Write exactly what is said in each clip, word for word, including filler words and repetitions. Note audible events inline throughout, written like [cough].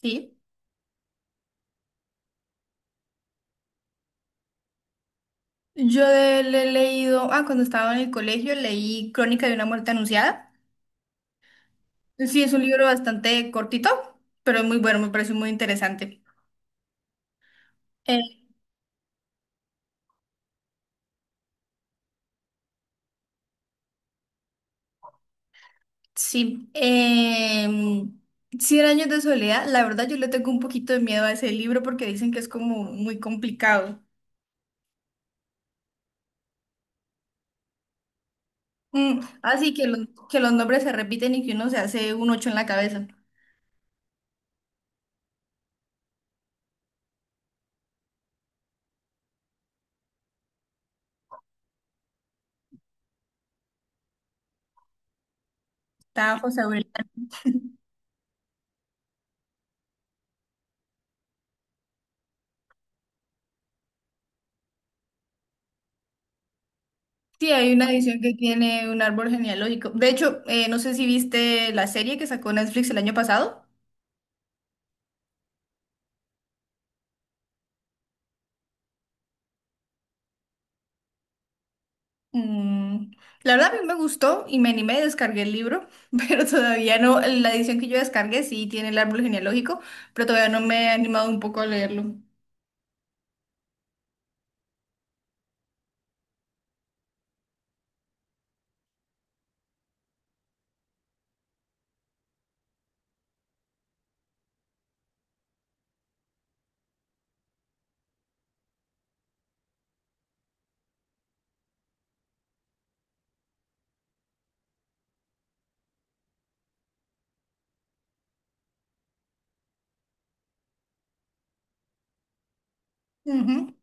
Sí. Yo de él he leído, ah, cuando estaba en el colegio leí Crónica de una muerte anunciada. Sí, es un libro bastante cortito, pero es muy bueno, me parece muy interesante. Eh, sí. em, Cien años de soledad, la verdad yo le tengo un poquito de miedo a ese libro porque dicen que es como muy complicado. Mm, así que, los- que los nombres se repiten y que uno se hace un ocho en la cabeza. Está José. Sí, hay una edición que tiene un árbol genealógico. De hecho, eh, no sé si viste la serie que sacó Netflix el año pasado. Mm, la verdad a mí me gustó y me animé, descargué el libro, [laughs] pero todavía no, la edición que yo descargué sí tiene el árbol genealógico, pero todavía no me he animado un poco a leerlo. Ujú,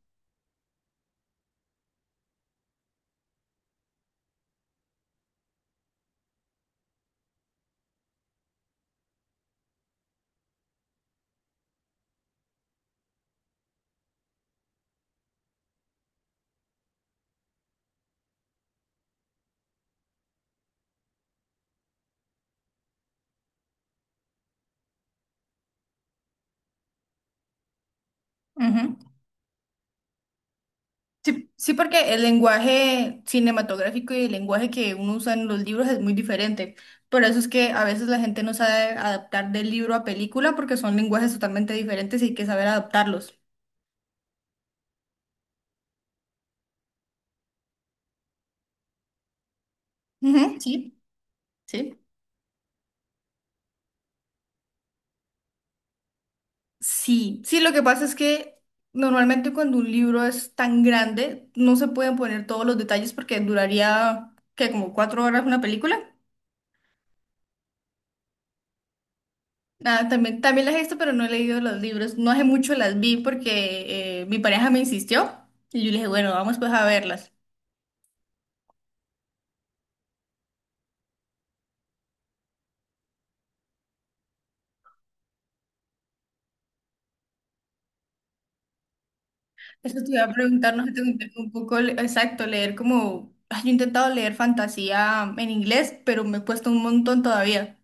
ujú. Sí, sí, porque el lenguaje cinematográfico y el lenguaje que uno usa en los libros es muy diferente. Por eso es que a veces la gente no sabe adaptar del libro a película porque son lenguajes totalmente diferentes y hay que saber adaptarlos. Ujú, sí, sí. Sí, sí, lo que pasa es que normalmente cuando un libro es tan grande no se pueden poner todos los detalles porque duraría, que como cuatro horas una película. Ah, también, también las he visto, pero no he leído los libros. No hace mucho las vi porque eh, mi pareja me insistió y yo le dije, bueno, vamos pues a verlas. Eso te iba a preguntar, no sé, te interrumpo un poco, le- exacto, leer como... ah, Yo he intentado leer fantasía en inglés, pero me he puesto un montón todavía.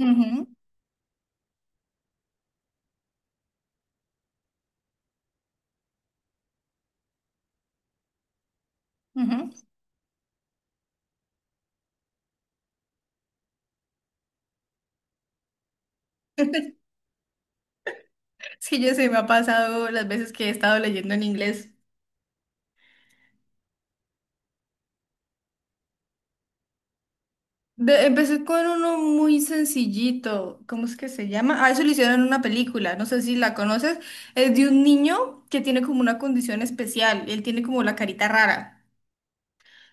Ujú, ujú. Es que yo se me ha pasado las veces que he estado leyendo en inglés. De- empecé con uno muy sencillito, ¿cómo es que se llama? Ah, eso lo hicieron en una película, no sé si la conoces, es de un niño que tiene como una condición especial, él tiene como la carita rara,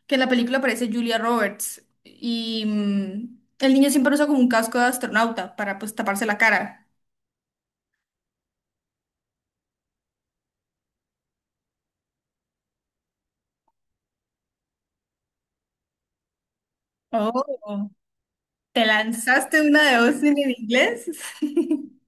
que en la película aparece Julia Roberts y mm, el niño siempre usa como un casco de astronauta para pues taparse la cara. Oh, ¿te lanzaste una de Austin en inglés? [laughs]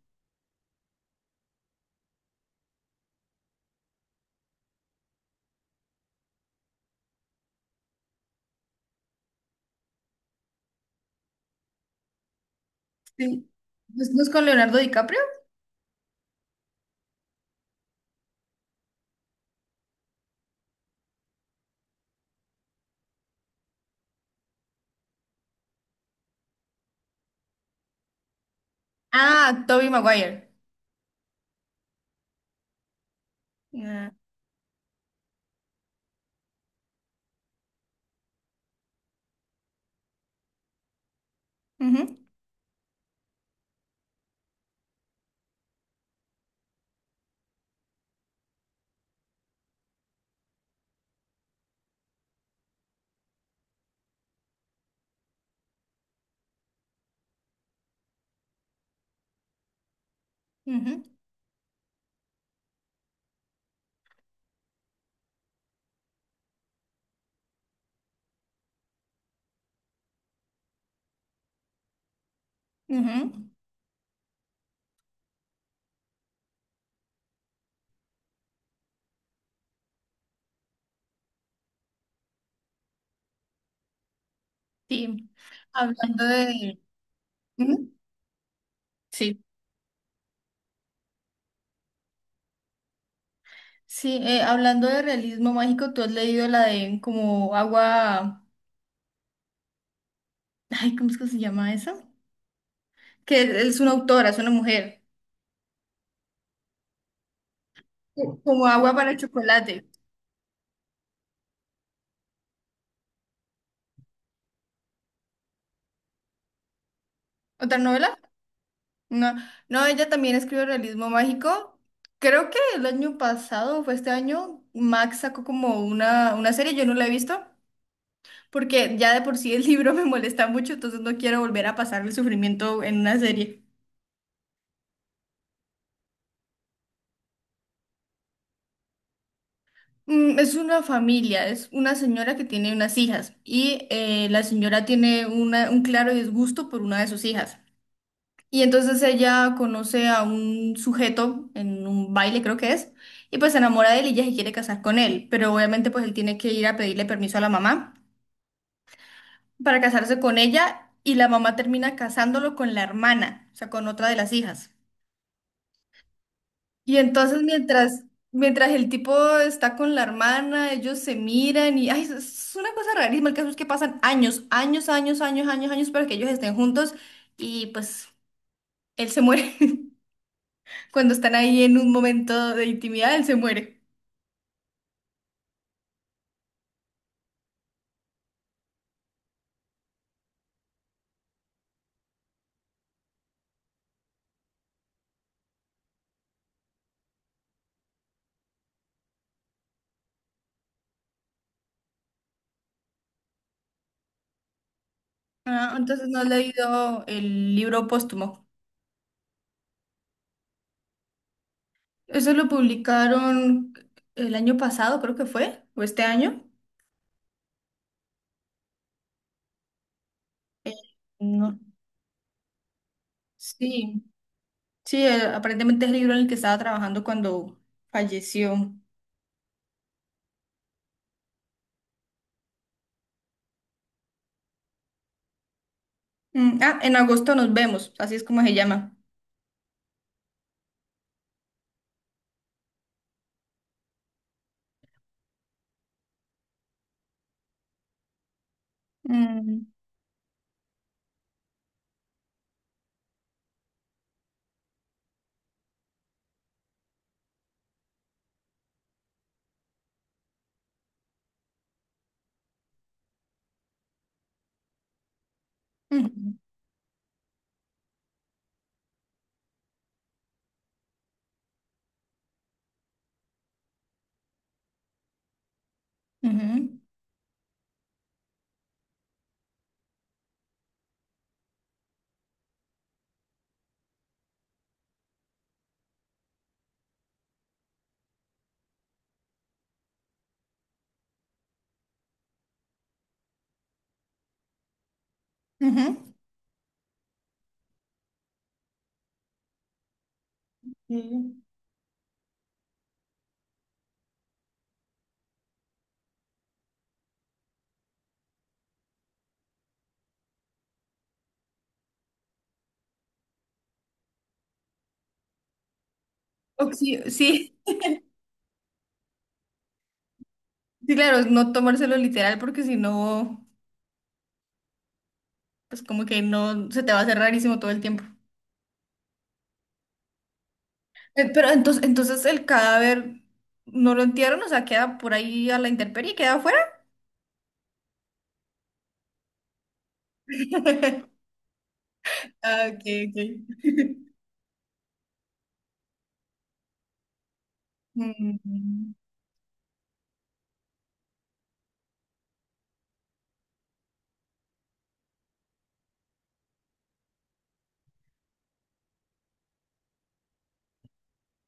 Sí. ¿Pues no es con Leonardo DiCaprio? Ah, Tobey Maguire. Ah, ujú, ujú, ujú. Sí, hablando de... Ujú, sí, sí, eh, hablando de realismo mágico, ¿tú has leído la de como agua... ay, ¿cómo es que se llama esa? Que es una autora, es una mujer. Como agua para el chocolate. ¿Otra novela? No, no, ella también escribe realismo mágico. Creo que el año pasado, fue este año, Max sacó como una, una serie, yo no la he visto, porque ya de por sí el [laughs] libro me molesta mucho, entonces no quiero volver a pasar el sufrimiento en una serie. Mm, es una familia, es una señora que tiene unas hijas y eh, la señora tiene una- un claro disgusto por una de sus hijas. Y entonces ella conoce a un sujeto en un baile, creo que es, y pues se enamora de él y ella se quiere casar con él, pero obviamente pues él tiene que ir a pedirle permiso a la mamá para casarse con ella y la mamá termina casándolo con la hermana, o sea, con otra de las hijas. Y entonces mientras, mientras el tipo está con la hermana, ellos se miran y ay, es es una cosa rarísima. El caso es que pasan años, años, años, años, años, años para que ellos estén juntos y pues él se muere. [laughs] Cuando están ahí en un momento de intimidad, él se muere. Ah, entonces no he leído el libro póstumo. Eso lo publicaron el año pasado, creo que fue, o este año. Eh, no. Sí, sí, eh, aparentemente es el libro en el que estaba trabajando cuando falleció. Mm, ah, en agosto nos vemos, así es como se llama. Mm, ujú, ujú, ujú. Sí. O sí, sí, sí, claro, no tomárselo literal porque si no, pues como que no, se te va a hacer rarísimo todo el tiempo. Eh, Pero entonces, entonces el cadáver no lo entierran, o sea, queda por ahí a la intemperie, queda afuera. [laughs] Ah, ok, ok. Mm,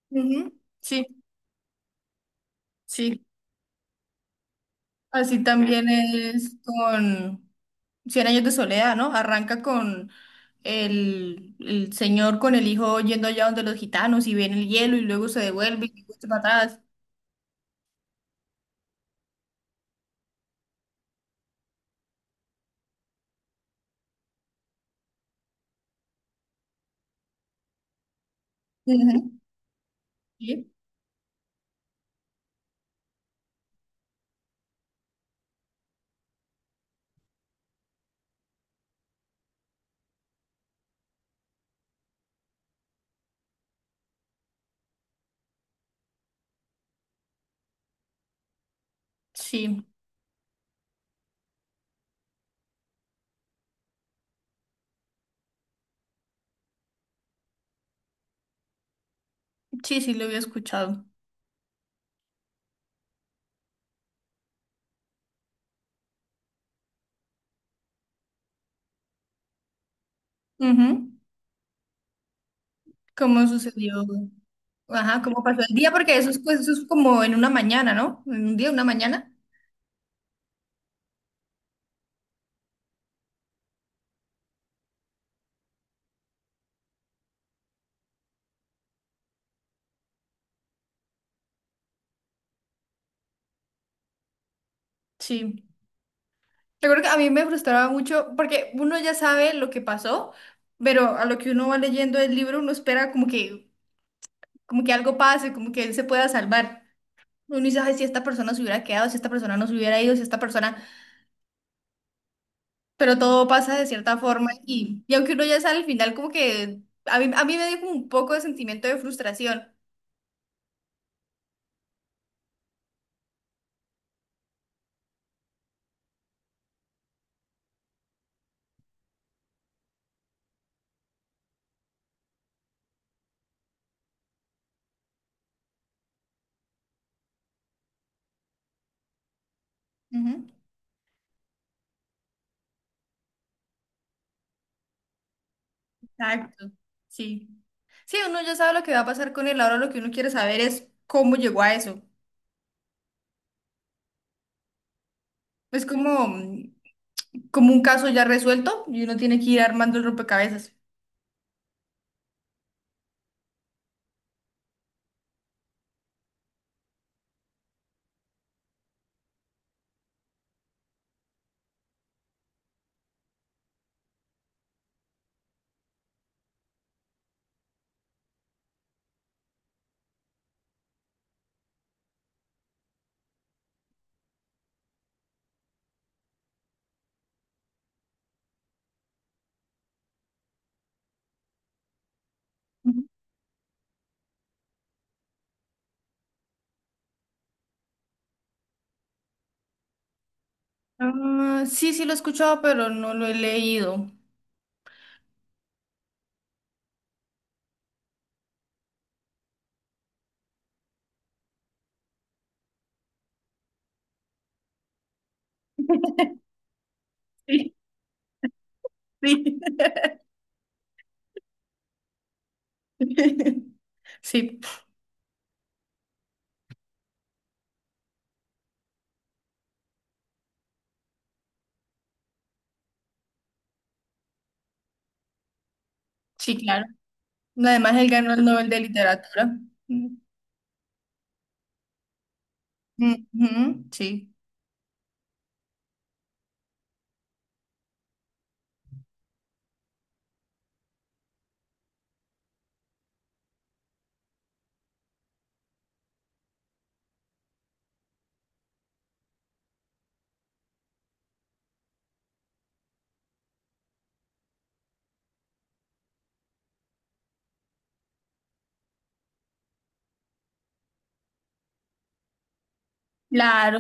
ujú, sí, sí. Así también es con... Cien años de soledad, ¿no? Arranca con el, el señor con el hijo yendo allá donde los gitanos y ven el hielo y luego se devuelve y vuelve para atrás. Ujú. Sí, sí, sí, sí, lo había escuchado. Ujú. ¿Cómo sucedió? Ajá, ¿cómo pasó el día? Porque eso es, pues, eso es como en una mañana, ¿no? En un día, una mañana. Sí. Recuerdo que a mí me frustraba mucho porque uno ya sabe lo que pasó, pero a lo que uno va leyendo el libro uno espera como que, como que algo pase, como que él se pueda salvar. Uno dice, "Ay, si esta persona se hubiera quedado, si esta persona no se hubiera ido, si esta persona, pero todo pasa de cierta forma y, y aunque uno ya sale al final, como que a mí, a mí me dio como un poco de sentimiento de frustración. Ujú. Exacto. Sí. Sí, uno ya sabe lo que va a pasar con él, ahora lo que uno quiere saber es cómo llegó a eso. Es como, mm, como un caso ya resuelto y uno tiene que ir armando el rompecabezas. Ujú. Ah, sí, sí lo he escuchado, pero no lo he leído. Sí, sí. [laughs] Sí, sí, claro. Además, él ganó el Nobel de Literatura. Mm, ujú, sí. Claro.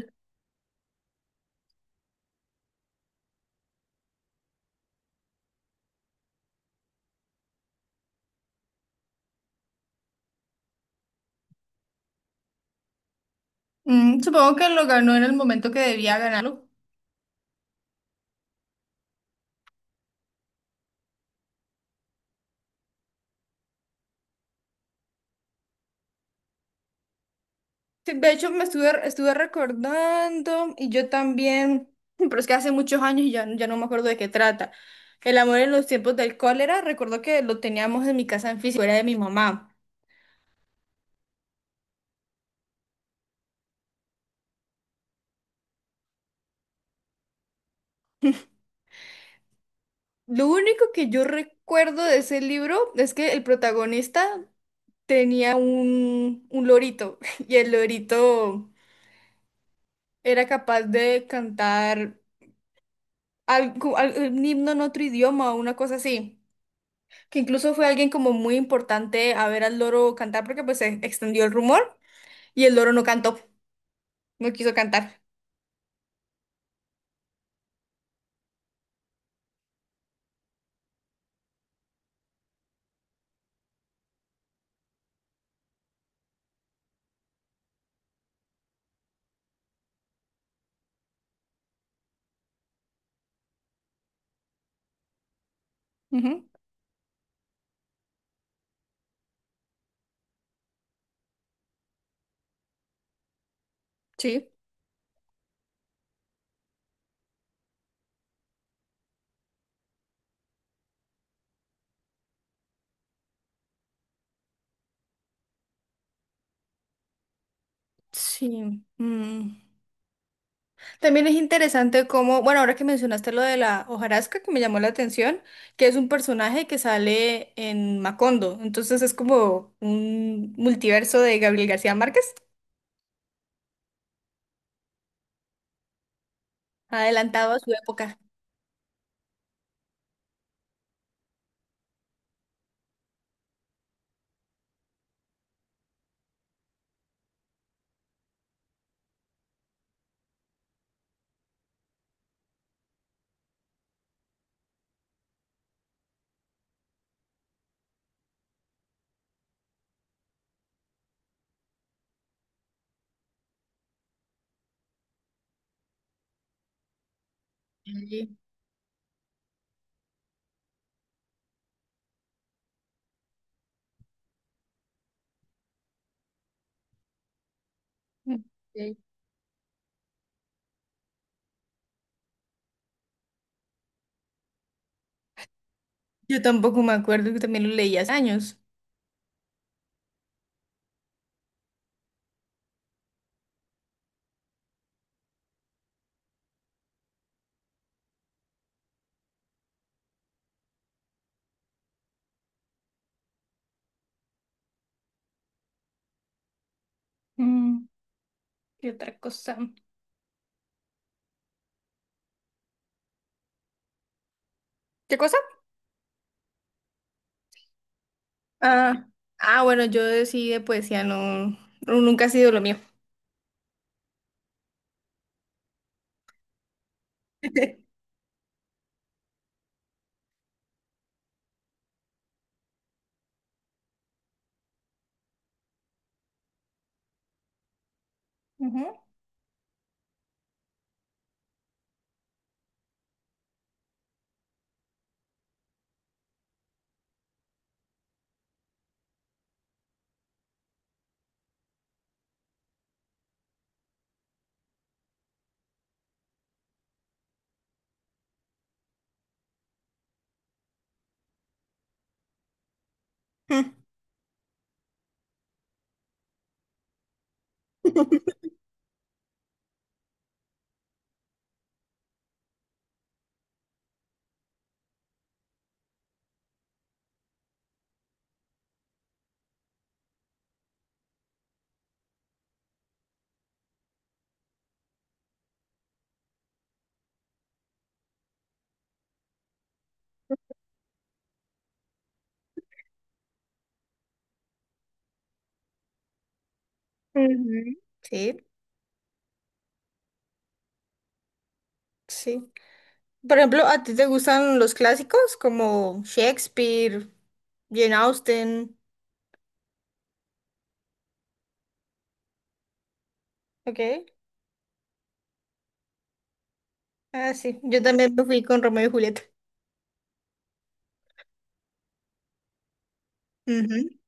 Mm, supongo que lo ganó en el momento que debía ganarlo. Sí, de hecho, me estuve, estuve recordando y yo también, pero es que hace muchos años y ya, ya no me acuerdo de qué trata. El amor en los tiempos del cólera, recuerdo que lo teníamos en mi casa en físico, era de mi mamá. Lo único que yo recuerdo de ese libro es que el protagonista tenía un, un lorito [laughs] y el lorito... era capaz de cantar algo- al- un himno en otro idioma o una cosa así. Que incluso fue alguien como muy importante a ver al loro cantar porque pues se extendió el rumor y el loro no cantó, no quiso cantar. Ujú, sí. Sí. Mm. También es interesante cómo, bueno, ahora que mencionaste lo de la hojarasca que me llamó la atención, que es un personaje que sale en Macondo, entonces es como un multiverso de Gabriel García Márquez, adelantado a su época. Ok. Yo tampoco me acuerdo que también lo leí hace años. Mm, ¿qué otra cosa? ¿Qué cosa? Ah, ah, bueno, yo sí de poesía no, no- nunca ha sido lo mío. [laughs] Ujú. Ujú. Sí, sí. Por ejemplo, ¿a ti te gustan los clásicos como Shakespeare, Jane Austen? Ok. Ah, sí. Yo también me fui con Romeo y Julieta. Ujú.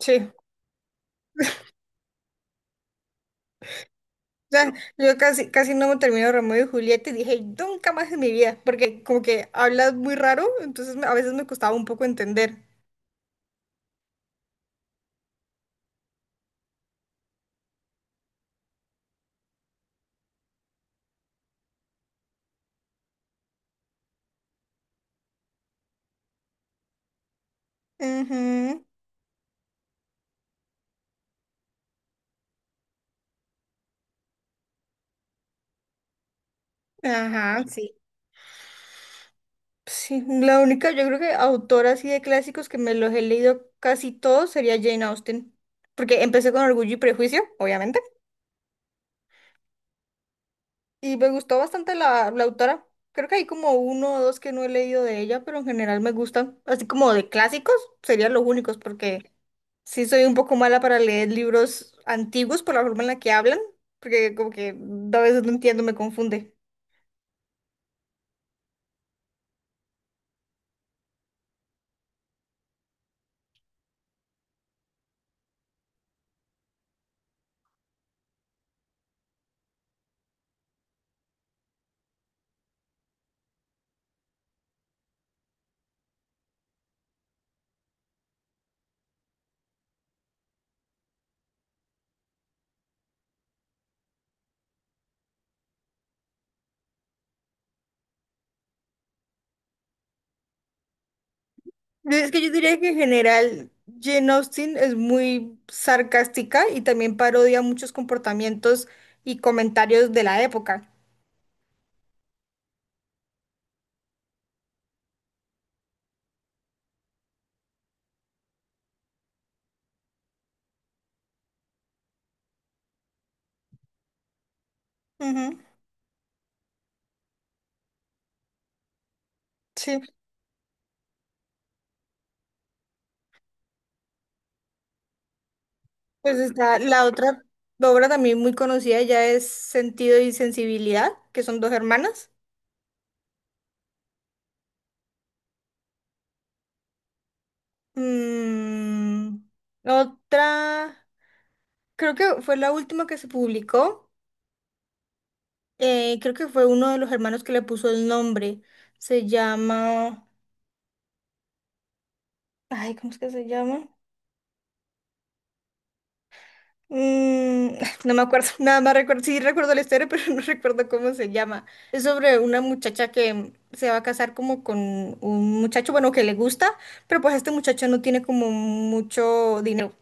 Sí. Sea, yo casi, casi no me termino Romeo y Julieta y dije, nunca más en mi vida, porque como que hablas muy raro, entonces me- a veces me costaba un poco entender. Ujú, ajá, sí. Sí, la única, yo creo que autora así de clásicos que me los he leído casi todos sería Jane Austen, porque empecé con Orgullo y Prejuicio, obviamente, y me gustó bastante la, la autora. Creo que hay como uno o dos que no he leído de ella, pero en general me gustan. Así como de clásicos, serían los únicos, porque... sí, soy un poco mala para leer libros antiguos por la forma en la que hablan, porque como que a veces no entiendo, me confunde. Es que yo diría que en general Jane Austen es muy sarcástica y también parodia muchos comportamientos y comentarios de la época. Ujú, sí, pues está la otra obra también muy conocida ya es Sentido y Sensibilidad, que son dos hermanas. Mm, otra, creo que fue la última que se publicó. Eh, creo que fue uno de los hermanos que le puso el nombre. Se llama. Ay, ¿cómo es que se llama? Mm, [laughs] no me acuerdo, [laughs] nada más recuerdo. Sí, recuerdo la historia, [laughs] pero no recuerdo cómo se llama. Es sobre una muchacha que se va a casar como con un muchacho, bueno, que le gusta, pero pues este muchacho no tiene como mucho dinero.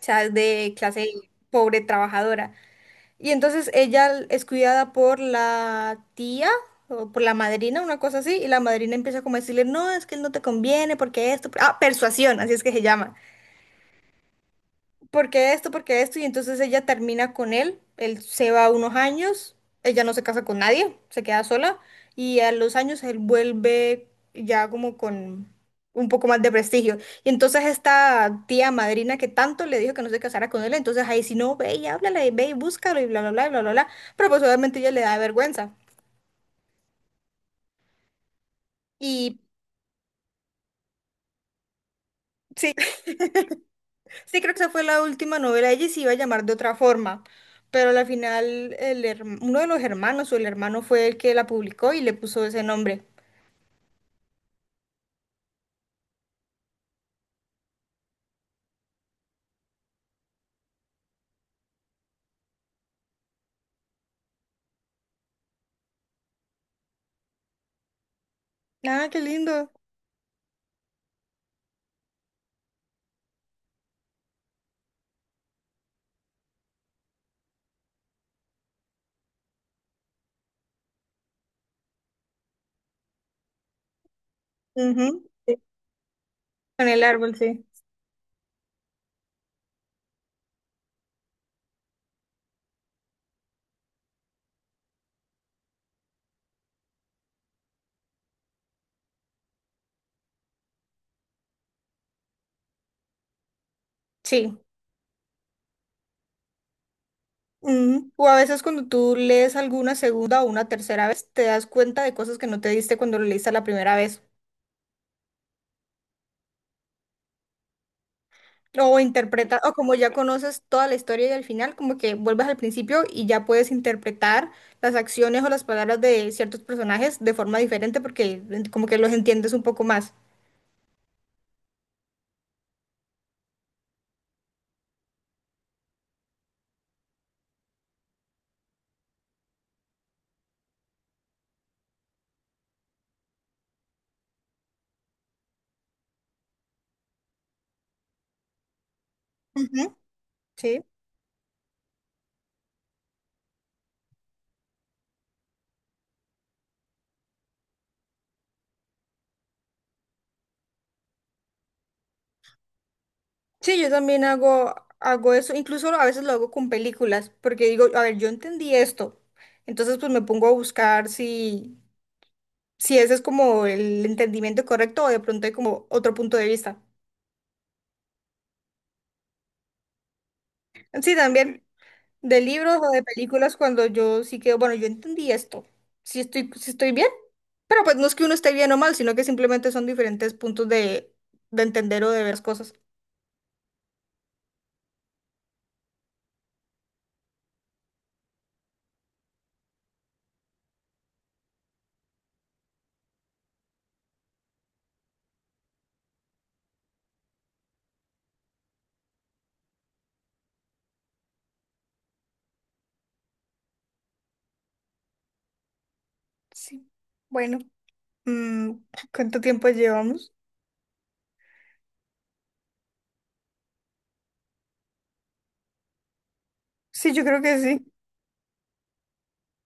O sea, es de clase pobre trabajadora. Y entonces ella es cuidada por la tía o por la madrina, una cosa así, y la madrina empieza como a decirle, no, es que él no te conviene porque esto, ah, persuasión, así es que se llama. ¿Por qué esto? ¿Por qué esto? Y entonces ella termina con él, él se va unos años, ella no se casa con nadie, se queda sola y a los años él vuelve ya como con un poco más de prestigio. Y entonces esta tía madrina que tanto le dijo que no se casara con él, entonces ahí si no, ve y háblale, ve y búscalo y bla, bla, bla, bla, bla, bla. Pero pues obviamente ella le da vergüenza. Y sí, sí, creo que esa fue la última novela. Ella se iba a llamar de otra forma, pero al final el herm- uno de los hermanos o el hermano fue el que la publicó y le puso ese nombre. Ah, qué lindo. Ujú, sí, con el árbol, sí. Sí. Ujú. O a veces cuando tú lees alguna segunda o una tercera vez, te das cuenta de cosas que no te diste cuando lo leíste la primera vez. O interpretar, o como ya conoces toda la historia y al final, como que vuelves al principio y ya puedes interpretar las acciones o las palabras de ciertos personajes de forma diferente porque en- como que los entiendes un poco más. Ujú, sí. Sí, yo también hago, hago eso, incluso a veces lo hago con películas, porque digo, a ver, yo entendí esto. Entonces, pues me pongo a buscar si, si ese es como el entendimiento correcto o de pronto hay como otro punto de vista. Sí, también. De libros o de películas cuando yo sí que, bueno, yo entendí esto. Si estoy, si estoy bien. Pero pues no es que uno esté bien o mal, sino que simplemente son diferentes puntos de, de entender o de ver las cosas. Sí. Bueno, mm, ¿cuánto tiempo llevamos? Sí, yo creo que sí.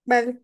Vale.